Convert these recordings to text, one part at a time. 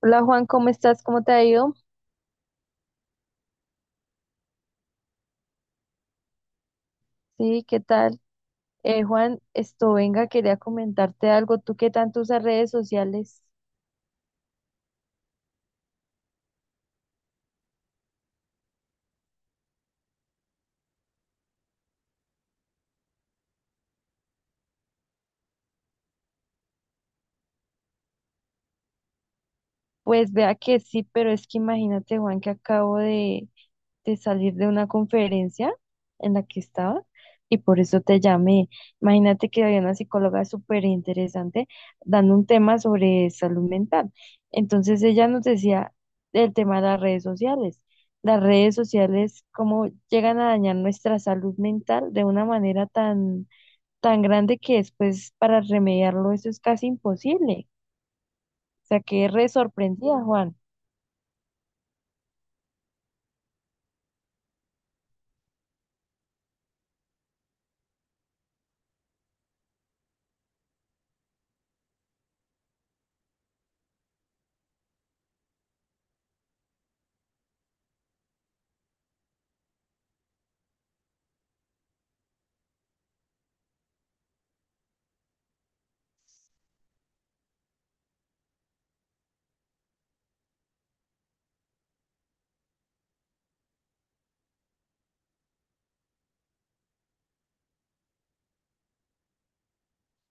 Hola Juan, ¿cómo estás? ¿Cómo te ha ido? Sí, ¿qué tal? Juan, esto venga, quería comentarte algo. ¿Tú qué tanto usas redes sociales? Pues vea que sí, pero es que imagínate, Juan, que acabo de salir de una conferencia en la que estaba y por eso te llamé. Imagínate que había una psicóloga súper interesante dando un tema sobre salud mental. Entonces ella nos decía el tema de las redes sociales. Las redes sociales, cómo llegan a dañar nuestra salud mental de una manera tan, tan grande que después para remediarlo eso es casi imposible. O sea, quedé re sorprendida, Juan.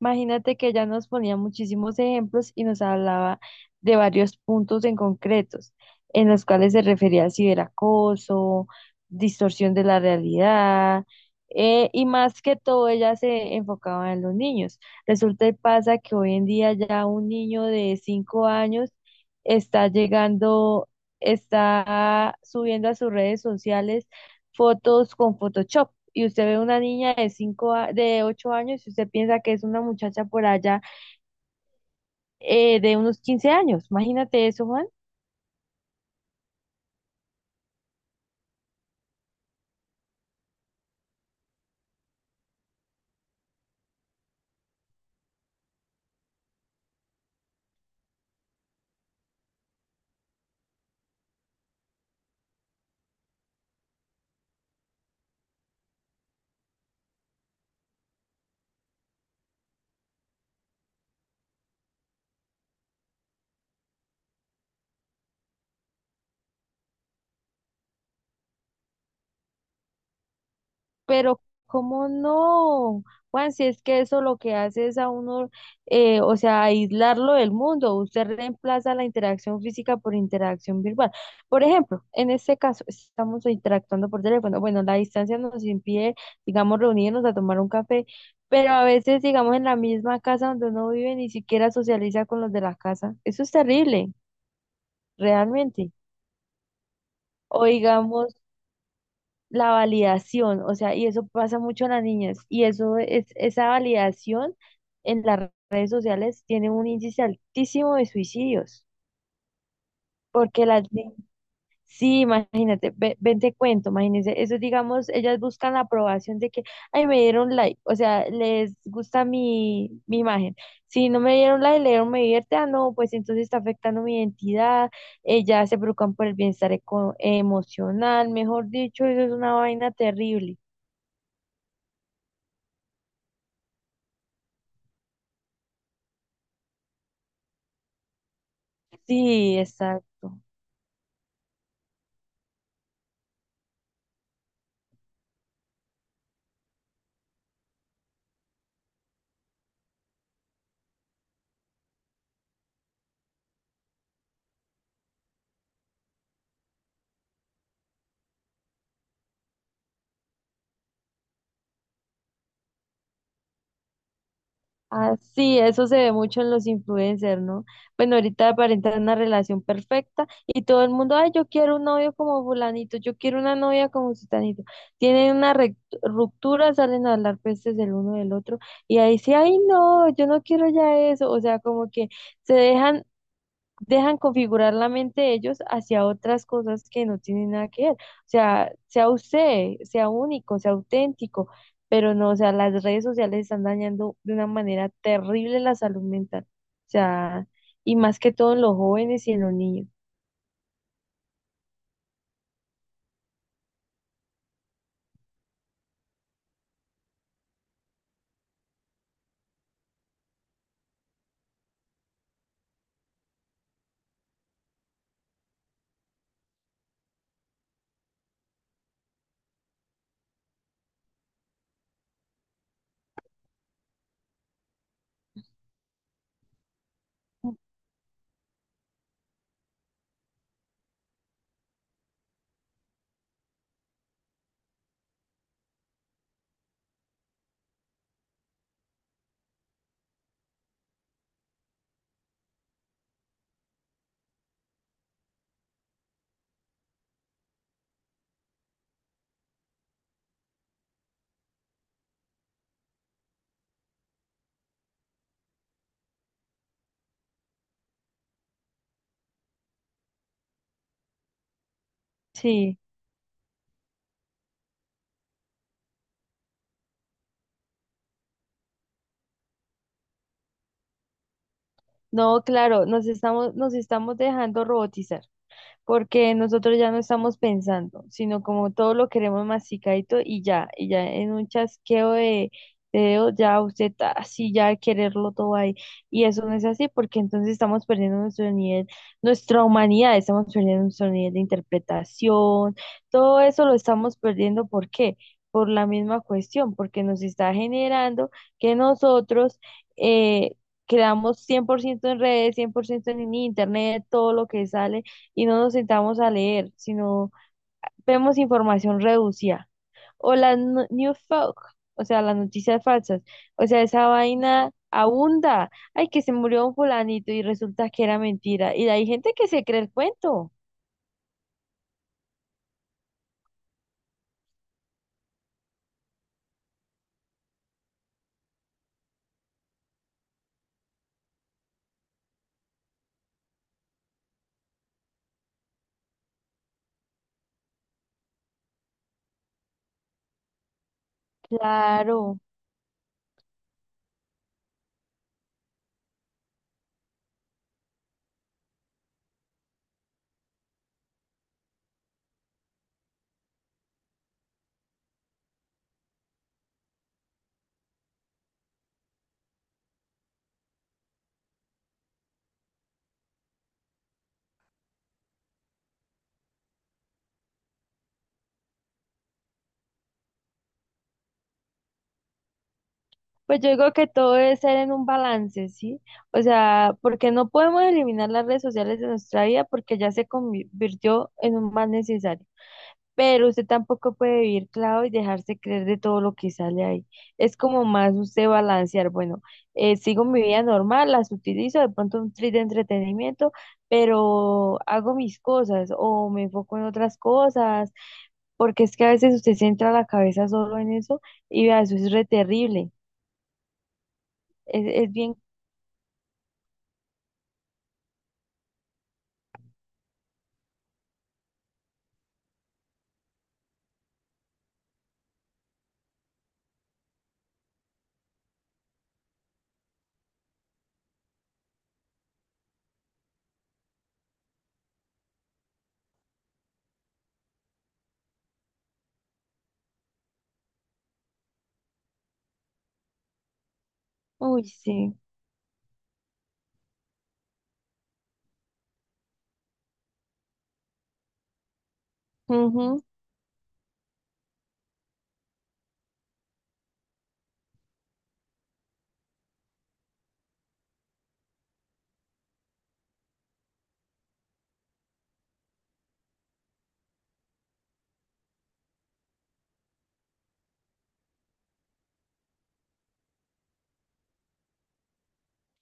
Imagínate que ella nos ponía muchísimos ejemplos y nos hablaba de varios puntos en concretos, en los cuales se refería al ciberacoso, distorsión de la realidad, y más que todo ella se enfocaba en los niños. Resulta y pasa que hoy en día ya un niño de 5 años está llegando, está subiendo a sus redes sociales fotos con Photoshop y usted ve una niña de de 8 años y usted piensa que es una muchacha por allá de unos 15 años. Imagínate eso, Juan. Pero, ¿cómo no? Juan, si es que eso lo que hace es a uno, o sea, aislarlo del mundo. Usted reemplaza la interacción física por interacción virtual. Por ejemplo, en este caso, estamos interactuando por teléfono. Bueno, la distancia nos impide, digamos, reunirnos a tomar un café, pero a veces, digamos, en la misma casa donde uno vive, ni siquiera socializa con los de la casa. Eso es terrible, realmente. O digamos la validación, o sea, y eso pasa mucho en las niñas, y eso es, esa validación en las redes sociales tiene un índice altísimo de suicidios, porque las, ni- sí, imagínate, ven te cuento, imagínense, eso digamos, ellas buscan la aprobación de que, ay, me dieron like, o sea, les gusta mi imagen, si no me dieron like, le dieron me divierte, ah, no, pues entonces está afectando mi identidad, ellas se preocupan por el bienestar emocional, mejor dicho, eso es una vaina terrible. Sí, exacto. Así, eso se ve mucho en los influencers, ¿no? Bueno, ahorita aparentan una relación perfecta y todo el mundo, ay, yo quiero un novio como fulanito, yo quiero una novia como sutanito. Tienen una ruptura, salen a hablar pestes del uno del otro y ahí sí, ay, no, yo no quiero ya eso. O sea, como que se dejan configurar la mente ellos hacia otras cosas que no tienen nada que ver. O sea, sea usted, sea único, sea auténtico, pero no, o sea, las redes sociales están dañando de una manera terrible la salud mental. O sea, y más que todo en los jóvenes y en los niños. Sí, no, claro, nos estamos dejando robotizar. Porque nosotros ya no estamos pensando, sino como todo lo queremos masticadito y ya en un chasqueo de dedos ya usted así ya quererlo todo ahí. Y eso no es así porque entonces estamos perdiendo nuestro nivel, nuestra humanidad, estamos perdiendo nuestro nivel de interpretación, todo eso lo estamos perdiendo, ¿por qué? Por la misma cuestión, porque nos está generando que nosotros eh, creamos 100% en redes, 100% en internet, todo lo que sale y no nos sentamos a leer, sino vemos información reducida. O las New Folk, o sea, las noticias falsas. O sea, esa vaina abunda. Ay, que se murió un fulanito y resulta que era mentira. Y hay gente que se cree el cuento. Claro. Pues yo digo que todo debe ser en un balance, ¿sí? O sea, porque no podemos eliminar las redes sociales de nuestra vida porque ya se convirtió en un mal necesario. Pero usted tampoco puede vivir claro y dejarse creer de todo lo que sale ahí. Es como más usted balancear, bueno, sigo mi vida normal, las utilizo, de pronto un trip de entretenimiento, pero hago mis cosas o me enfoco en otras cosas, porque es que a veces usted se entra la cabeza solo en eso y vea, eso es re terrible. Es bien, uy, sí.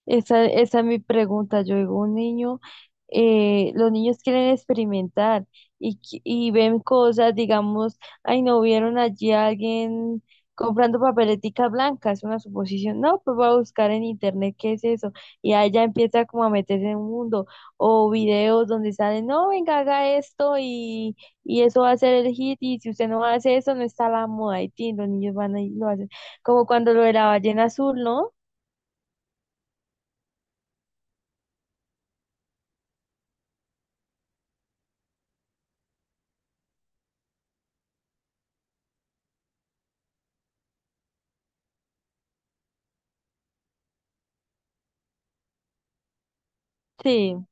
Esa es mi pregunta. Yo digo, un niño, los niños quieren experimentar y, y ven cosas, digamos, ay, no vieron allí a alguien comprando papeletica blanca, es una suposición. No, pues voy a buscar en internet qué es eso. Y ahí ya empieza como a meterse en un mundo. O videos donde salen, no, venga, haga esto y eso va a ser el hit. Y si usted no hace eso, no está la moda. Y tin, los niños van a lo hacen. Como cuando lo de la ballena azul, ¿no? Sí.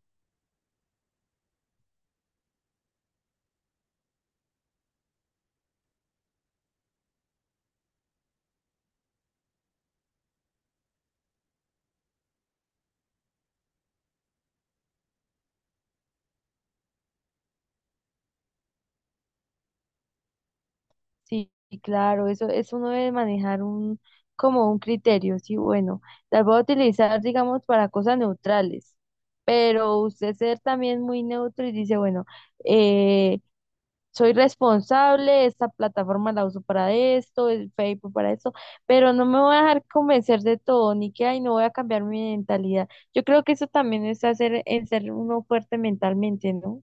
Sí, claro, eso uno debe manejar como un criterio, sí, bueno, las voy a utilizar, digamos, para cosas neutrales, pero usted ser también muy neutro y dice, bueno, eh, soy responsable, esta plataforma la uso para esto, el Facebook para esto, pero no me voy a dejar convencer de todo, ni que, ay, no voy a cambiar mi mentalidad. Yo creo que eso también es hacer, en ser uno fuerte mentalmente, ¿no?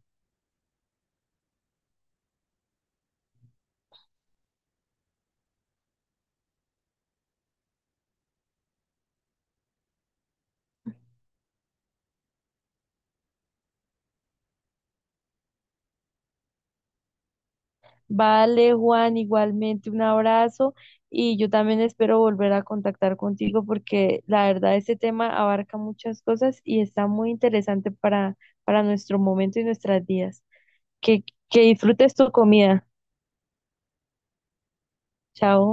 Vale, Juan, igualmente un abrazo y yo también espero volver a contactar contigo porque la verdad este tema abarca muchas cosas y está muy interesante para, nuestro momento y nuestras vidas. Que, que disfrutes tu comida. Chao.